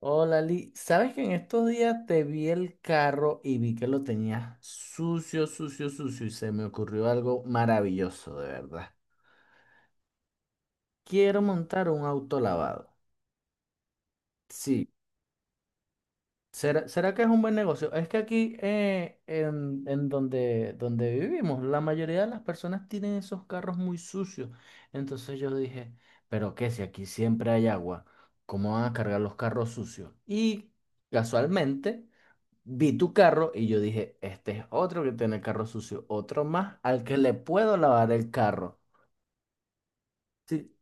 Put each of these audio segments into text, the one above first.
Hola, Lee. ¿Sabes que en estos días te vi el carro y vi que lo tenías sucio, sucio, sucio y se me ocurrió algo maravilloso, de verdad? Quiero montar un auto lavado. Sí. ¿Será que es un buen negocio? Es que aquí en donde vivimos, la mayoría de las personas tienen esos carros muy sucios. Entonces yo dije, ¿pero qué? Si aquí siempre hay agua, ¿cómo van a cargar los carros sucios? Y casualmente vi tu carro y yo dije, este es otro que tiene el carro sucio, otro más al que le puedo lavar el carro. Sí.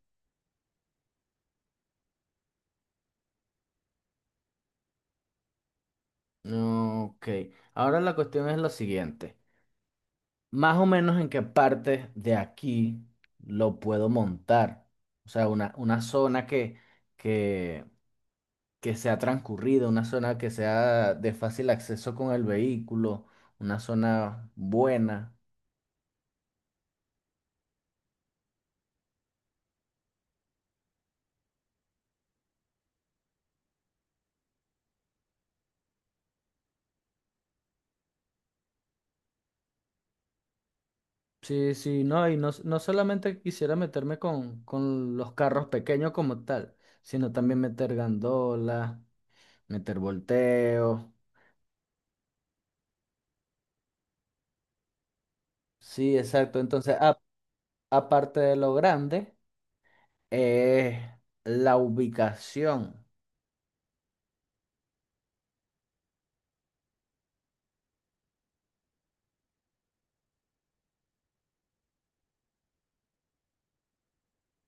Ok, ahora la cuestión es lo siguiente. Más o menos en qué parte de aquí lo puedo montar. O sea, una zona que, que sea transcurrida, una zona que sea de fácil acceso con el vehículo, una zona buena. Sí, sí, no, y no solamente quisiera meterme con los carros pequeños como tal, sino también meter gandolas, meter volteos. Sí, exacto. Entonces, aparte de lo grande, es la ubicación.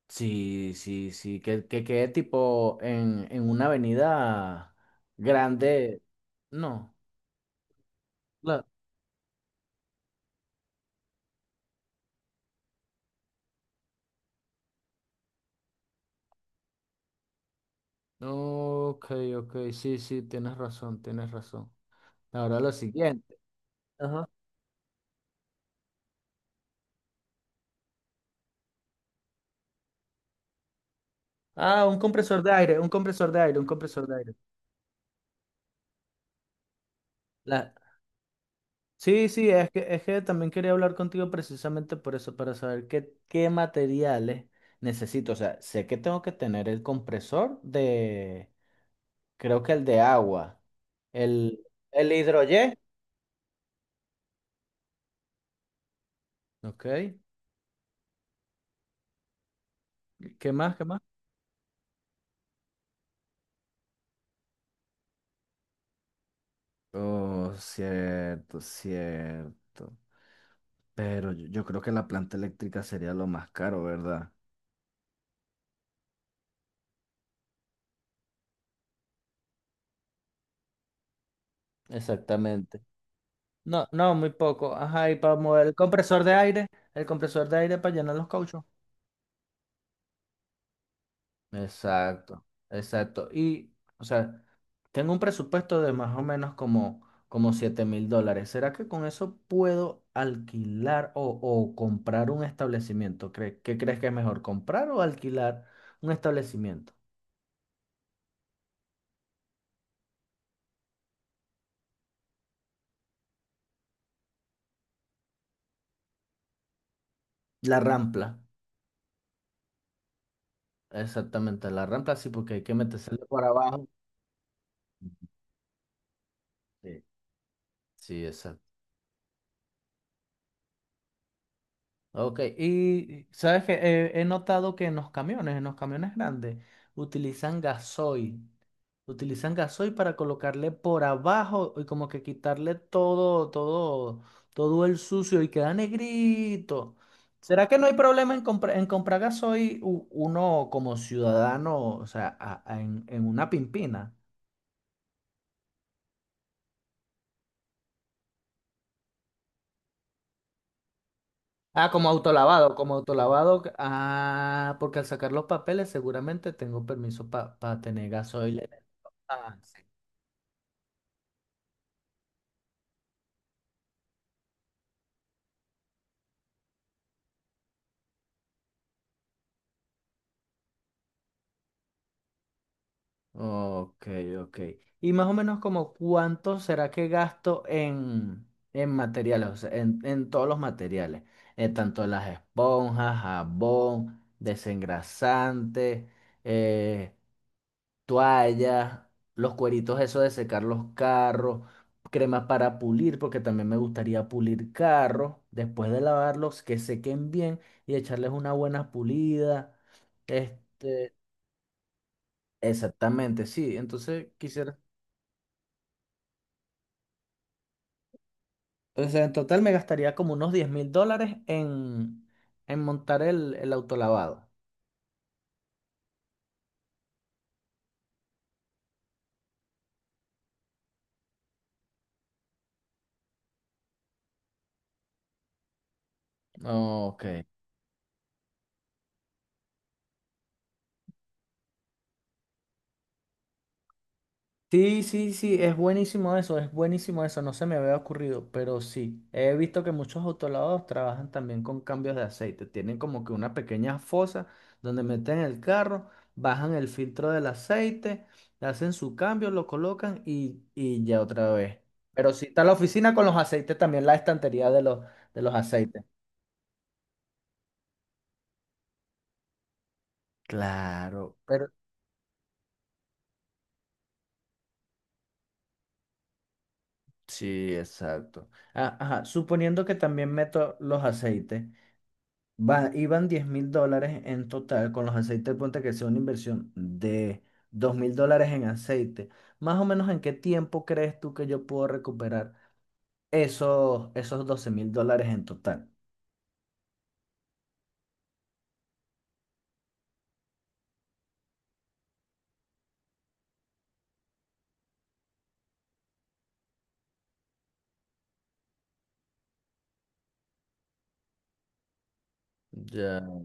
Sí, sí, sí, que quede tipo en una avenida grande. No, la- Ok, ok, sí, sí, tienes razón, tienes razón. Ahora lo siguiente. Ajá. Ah, un compresor de aire, un compresor de aire, un compresor de aire. La... Sí, sí, es que también quería hablar contigo precisamente por eso, para saber qué materiales necesito. O sea, sé que tengo que tener el compresor de, creo que el de agua, el, el hidroyé. Ok, ¿qué más, qué más? Oh, cierto, cierto. Pero yo creo que la planta eléctrica sería lo más caro, ¿verdad? Exactamente. No, no, muy poco. Ajá, y para mover el compresor de aire, el compresor de aire para llenar los cauchos. Exacto, exacto. Y, o sea, tengo un presupuesto de más o menos como $7.000. ¿Será que con eso puedo alquilar o comprar un establecimiento? ¿Qué crees que es mejor, comprar o alquilar un establecimiento? La rampla, exactamente, la rampla sí, porque hay que meterse por abajo. Sí, sí, exacto. Ok, y sabes que he notado que en los camiones grandes, utilizan gasoil. Utilizan gasoil para colocarle por abajo y como que quitarle todo, todo, todo el sucio y queda negrito. ¿Será que no hay problema en comprar gasoil uno como ciudadano, o sea, en una pimpina? Ah, como autolavado, como autolavado. Ah, porque al sacar los papeles seguramente tengo permiso para tener gasoil. Ah, sí. Ok, ok. Y más o menos como cuánto será que gasto en materiales, o sea, en todos los materiales, en tanto las esponjas, jabón, desengrasante, eh, toallas, los cueritos esos de secar los carros, cremas para pulir, porque también me gustaría pulir carros, después de lavarlos, que sequen bien y echarles una buena pulida. Este, Exactamente, sí. Entonces quisiera, o sea, en total me gastaría como unos $10.000 en montar el autolavado. Ok, sí, sí, sí, es buenísimo eso, no se me había ocurrido, pero sí, he visto que muchos autolavados trabajan también con cambios de aceite, tienen como que una pequeña fosa donde meten el carro, bajan el filtro del aceite, hacen su cambio, lo colocan y ya otra vez. Pero sí está la oficina con los aceites, también la estantería de los, aceites. Claro, pero sí, exacto. Ah, ajá, suponiendo que también meto los aceites, iban $10.000 en total con los aceites, ponte que sea una inversión de $2.000 en aceite. Más o menos, ¿en qué tiempo crees tú que yo puedo recuperar esos $12.000 en total? Ya.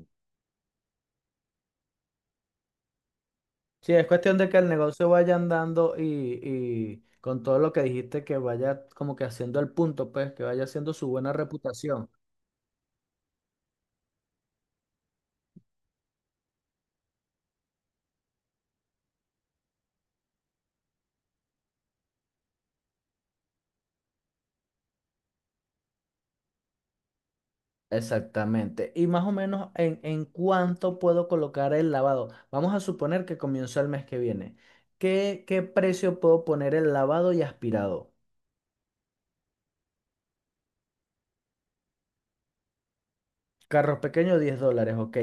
Sí, es cuestión de que el negocio vaya andando y con todo lo que dijiste, que vaya como que haciendo el punto, pues, que vaya haciendo su buena reputación. Exactamente. Y más o menos en cuánto puedo colocar el lavado. Vamos a suponer que comienzo el mes que viene. ¿Qué precio puedo poner el lavado y aspirado? Carros pequeños, $10, ok.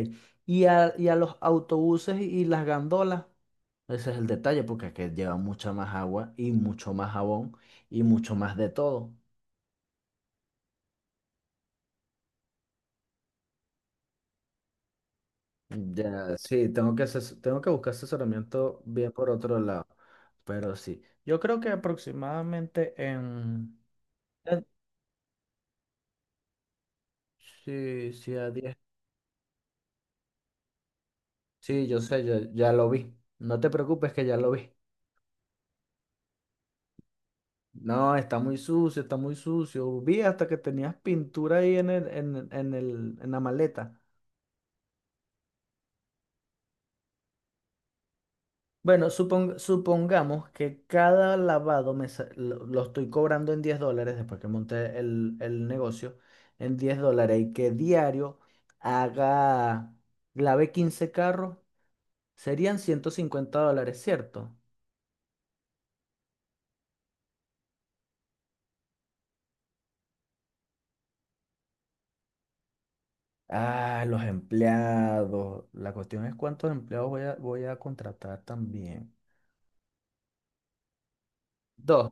Y a los autobuses y las gandolas. Ese es el detalle, porque es que lleva mucha más agua y mucho más jabón y mucho más de todo. Ya, sí, tengo que buscar asesoramiento bien por otro lado. Pero sí, yo creo que aproximadamente en. Sí, sí, a 10. Sí, yo sé, ya, ya lo vi. No te preocupes que ya lo vi. No, está muy sucio, está muy sucio. Vi hasta que tenías pintura ahí en la maleta. Bueno, supongamos que cada lavado lo estoy cobrando en $10 después que monté el negocio en $10 y que diario haga, lave 15 carros, serían $150, ¿cierto? Ah, los empleados. La cuestión es cuántos empleados voy a contratar también. Dos.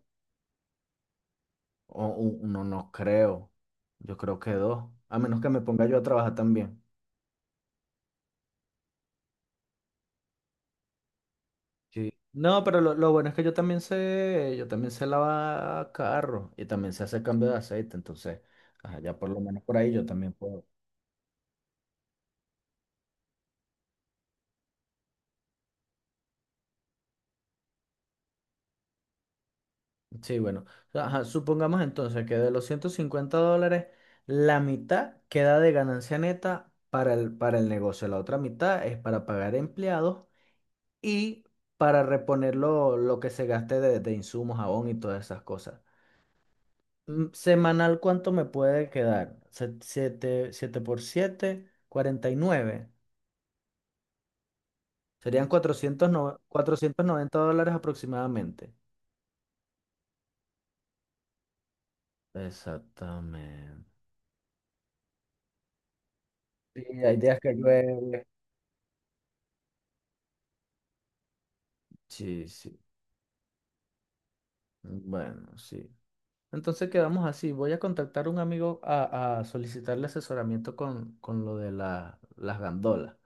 O uno no creo. Yo creo que dos. A menos que me ponga yo a trabajar también. Sí. No, pero lo bueno es que yo también sé lavar carro y también sé hacer cambio de aceite. Entonces, ajá, ya por lo menos por ahí yo también puedo. Sí, bueno. Ajá, supongamos entonces que de los $150, la mitad queda de ganancia neta para el, negocio. La otra mitad es para pagar empleados y para reponer lo que se gaste de insumos, jabón y todas esas cosas. Semanal, ¿cuánto me puede quedar? Siete por siete 49. Serían cuatrocientos noventa $490 aproximadamente. Exactamente. Sí, hay días que llueve. Sí, sí. Bueno, sí. Entonces quedamos así. Voy a contactar a un amigo a solicitarle asesoramiento con lo de las gandolas.